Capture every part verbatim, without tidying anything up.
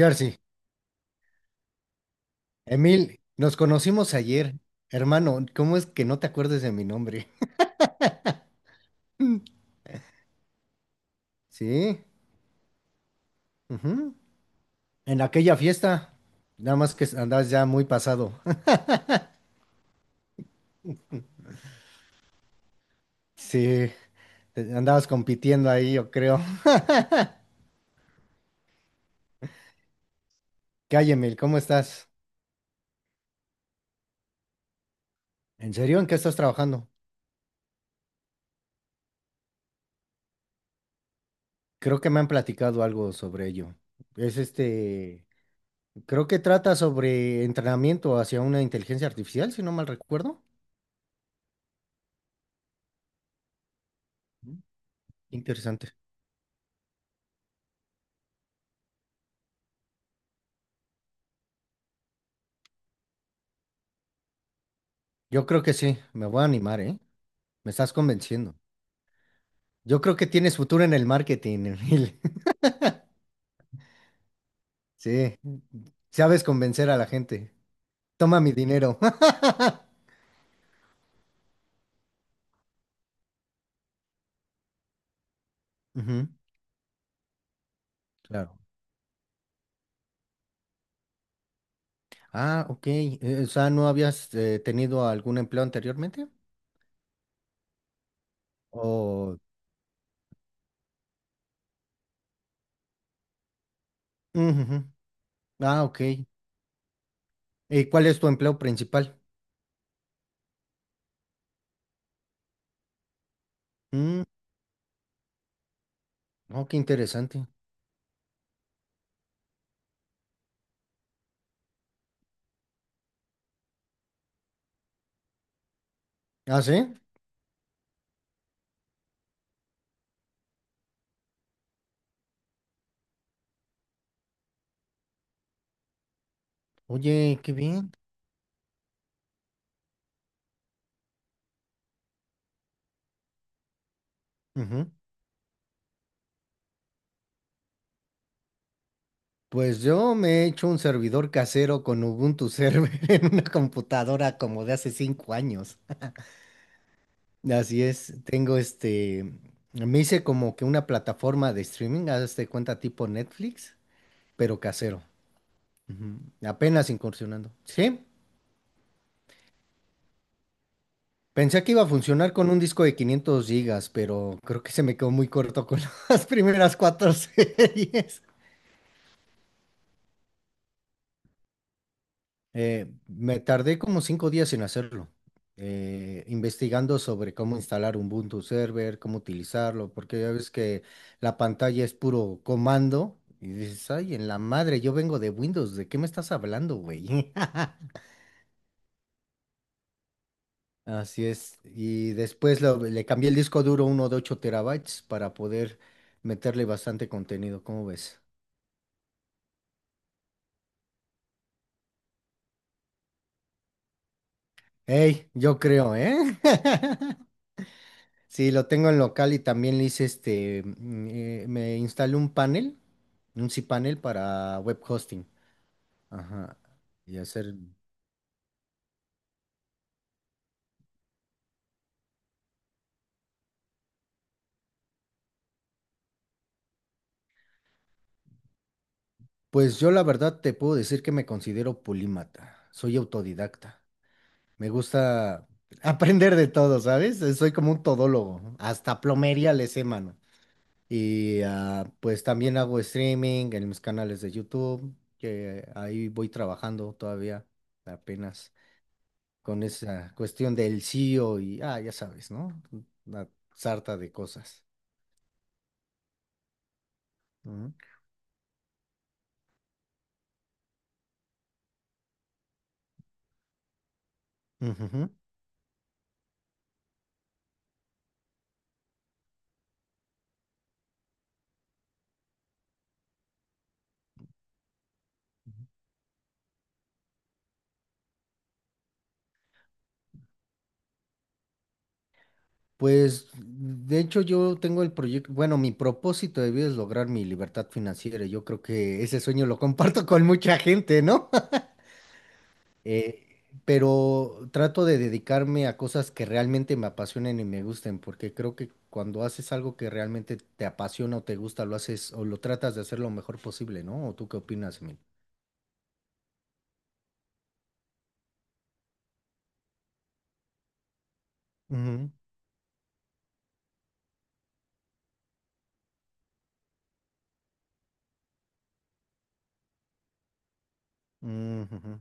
Jersey, Emil, nos conocimos ayer. Hermano, ¿cómo es que no te acuerdes de mi nombre? Sí, ujú. En aquella fiesta, nada más que andabas ya muy pasado. Sí, te- andabas compitiendo ahí, yo creo. ¿Qué hay, Emil? ¿Cómo estás? ¿En serio? ¿En qué estás trabajando? Creo que me han platicado algo sobre ello. Es este, creo que trata sobre entrenamiento hacia una inteligencia artificial, si no mal recuerdo. Interesante. Yo creo que sí, me voy a animar, ¿eh? Me estás convenciendo. Yo creo que tienes futuro en el marketing, Emil. Sí, sabes convencer a la gente. Toma mi dinero. Ujú, claro. Ah, ok. Eh, o sea, ¿no habías eh, tenido algún empleo anteriormente? O... Ujú, ujú. Ah, ok. ¿Y cuál es tu empleo principal? Mm, oh, qué interesante. Ah, sí. Oye, qué bien. Ujú. Pues yo me he hecho un servidor casero con Ubuntu Server en una computadora como de hace cinco años. Así es, tengo este, me hice como que una plataforma de streaming, hazte cuenta tipo Netflix, pero casero. Ujú. Apenas incursionando. Sí, pensé que iba a funcionar con un disco de quinientos gigas, pero creo que se me quedó muy corto con las primeras cuatro series. Eh, me tardé como cinco días en hacerlo, eh, investigando sobre cómo instalar un Ubuntu Server, cómo utilizarlo, porque ya ves que la pantalla es puro comando y dices, ay, en la madre, yo vengo de Windows, ¿de qué me estás hablando, güey? Así es. Y después lo- le cambié el disco duro uno de ocho terabytes para poder meterle bastante contenido, ¿cómo ves? Ey, yo creo, ¿eh? Sí, lo tengo en local y también le hice este, mm, eh, me instalé un panel, un cPanel para web hosting. Ajá. Y hacer, pues yo la verdad te puedo decir que me considero polímata, soy autodidacta. Me gusta aprender de todo, ¿sabes? Eh, Soy como un todólogo, ¿no? Hasta plomería le sé, mano. Y ah, pues también hago streaming en mis canales de YouTube, que ahí voy trabajando todavía, apenas, con esa cuestión del C E O y, ah, ya sabes, ¿no? Una sarta de cosas. Ujú. Ujujú. Pues, de hecho, yo tengo el proyecto, bueno, mi propósito de vida es lograr mi libertad financiera. Yo creo que ese sueño lo comparto con mucha gente, ¿no? Eh, pero trato de dedicarme a cosas que realmente me apasionen y me gusten, porque creo que cuando haces algo que realmente te apasiona o te gusta, lo haces o lo tratas de hacer lo mejor posible, ¿no? ¿O tú qué opinas, Emil? Ujú, ujú.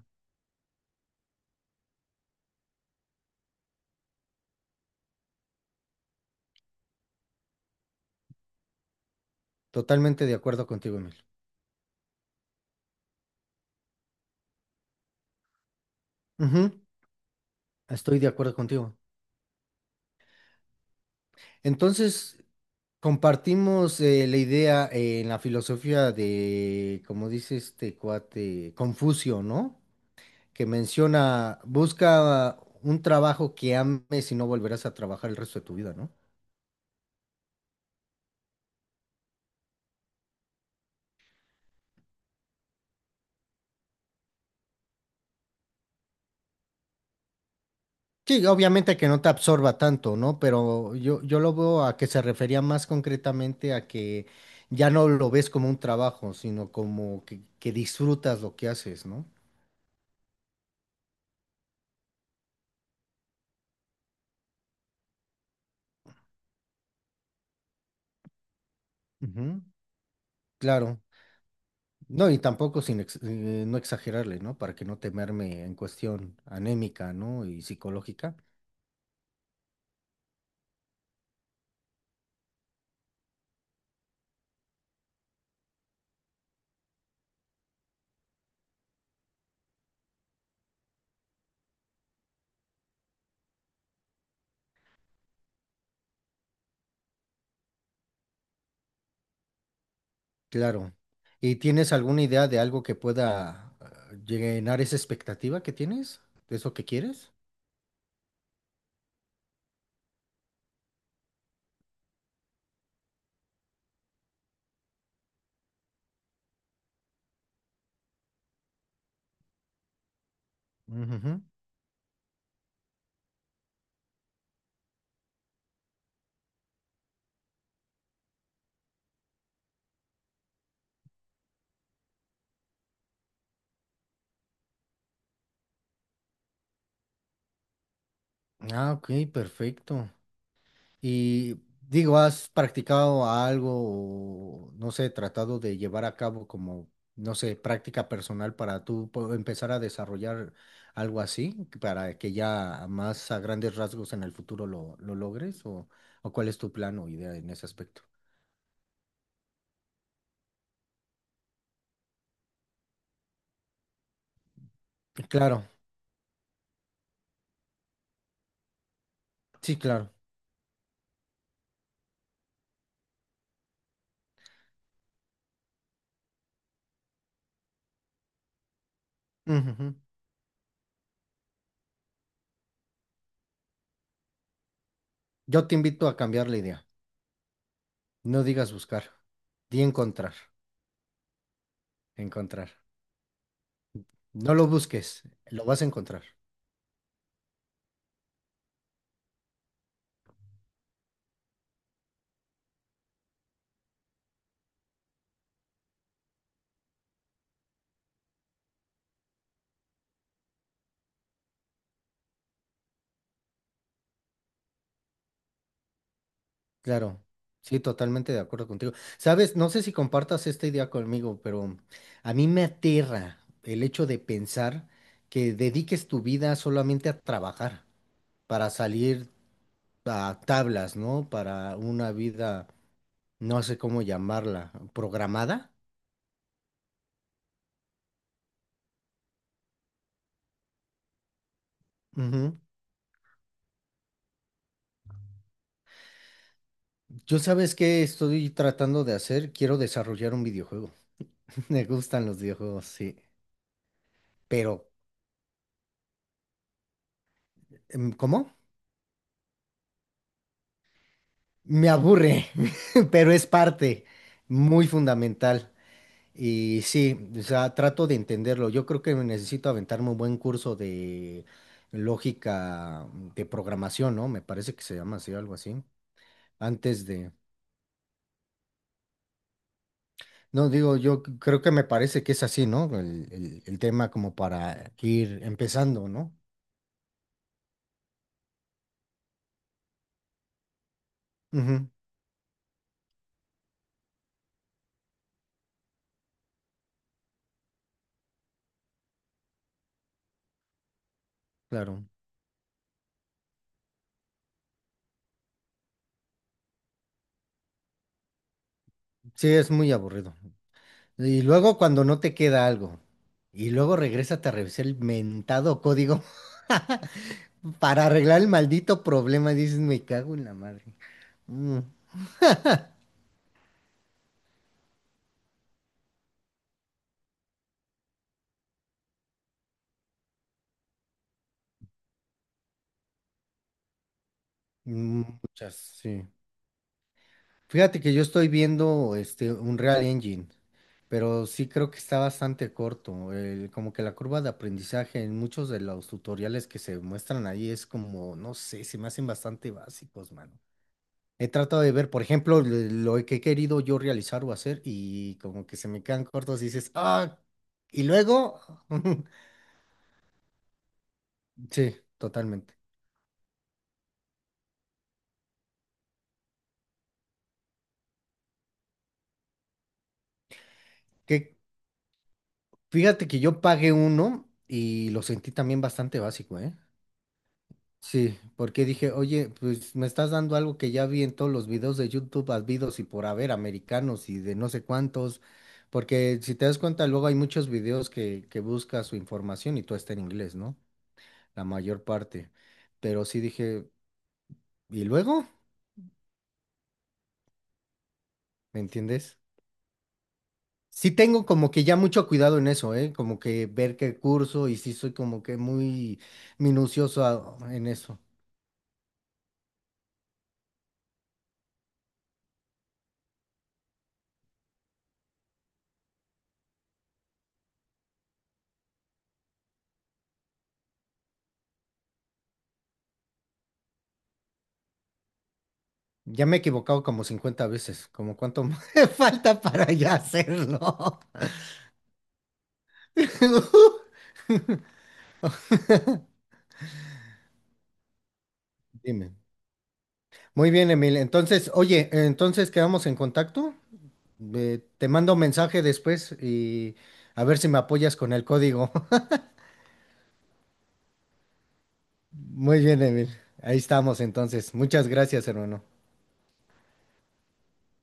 Totalmente de acuerdo contigo, Emil. Ujú. Estoy de acuerdo contigo. Entonces, compartimos eh, la idea eh, en la filosofía de, como dice este cuate, Confucio, ¿no? Que menciona, busca un trabajo que ames y no volverás a trabajar el resto de tu vida, ¿no? Sí, obviamente que no te absorba tanto, ¿no? Pero yo, yo lo veo a que se refería más concretamente a que ya no lo ves como un trabajo, sino como que, que disfrutas lo que haces, ¿no? Ujú. Claro. No, y tampoco sin ex- eh, no exagerarle, ¿no? Para que no temerme en cuestión anémica, ¿no? Y psicológica. Claro. ¿Y tienes alguna idea de algo que pueda eh, llenar esa expectativa que tienes? ¿De eso que quieres? Ujujú. Ah, ok, perfecto. Y digo, ¿has practicado algo o, no sé, tratado de llevar a cabo como, no sé, práctica personal para tú po- empezar a desarrollar algo así, que para que ya más a grandes rasgos en el futuro lo, lo logres? ¿O, o cuál es tu plan o idea en ese aspecto? Claro, sí, claro. Ujú, ujú. Yo te invito a cambiar la idea. No digas buscar, di encontrar, encontrar. No lo busques, lo vas a encontrar. Claro, sí, totalmente de acuerdo contigo. Sabes, no sé si compartas esta idea conmigo, pero a mí me aterra el hecho de pensar que dediques tu vida solamente a trabajar, para salir a tablas, ¿no? Para una vida, no sé cómo llamarla, programada. Ujú. Yo sabes qué estoy tratando de hacer, quiero desarrollar un videojuego. Me gustan los videojuegos, sí. Pero, em, ¿cómo? Me aburre, pero es parte muy fundamental. Y sí, o sea, trato de entenderlo. Yo creo que necesito aventarme un buen curso de lógica de programación, ¿no? Me parece que se llama así, algo así. Antes de... No, digo, yo c- creo que me parece que es así, ¿no? El, el- el tema como para ir empezando, ¿no? Ujú, claro. Sí, es muy aburrido. Y luego cuando no te queda algo, y luego regresas a revisar el mentado código. Para arreglar el maldito problema, dices, me cago en la madre. Mm, mm, muchas, sí. Fíjate que yo estoy viendo este Unreal Engine, pero sí creo que está bastante corto. El- como que la curva de aprendizaje en muchos de los tutoriales que se muestran ahí es como, no sé, se me hacen bastante básicos, mano. He tratado de ver, por ejemplo, le- lo que he querido yo realizar o hacer y como que se me quedan cortos y dices, ah, y luego, sí, totalmente. ¿Qué? Fíjate que yo pagué uno y lo sentí también bastante básico, ¿eh? Sí, porque dije, oye, pues me estás dando algo que ya vi en todos los videos de YouTube, habidos y por haber, americanos y de no sé cuántos, porque si te das cuenta, luego hay muchos videos que, que buscas su información y todo está en inglés, ¿no? La mayor parte. Pero sí dije, ¿y luego? ¿Me entiendes? Sí tengo como que ya mucho cuidado en eso, ¿eh? Como que ver qué curso y sí soy como que muy minucioso a- en eso. Ya me he equivocado como cincuenta veces. ¿Como cuánto me falta para ya hacerlo? Dime. Muy bien, Emil. Entonces, oye, entonces quedamos en contacto. Eh, te mando un mensaje después y a ver si me apoyas con el código. Muy bien, Emil. Ahí estamos entonces. Muchas gracias, hermano.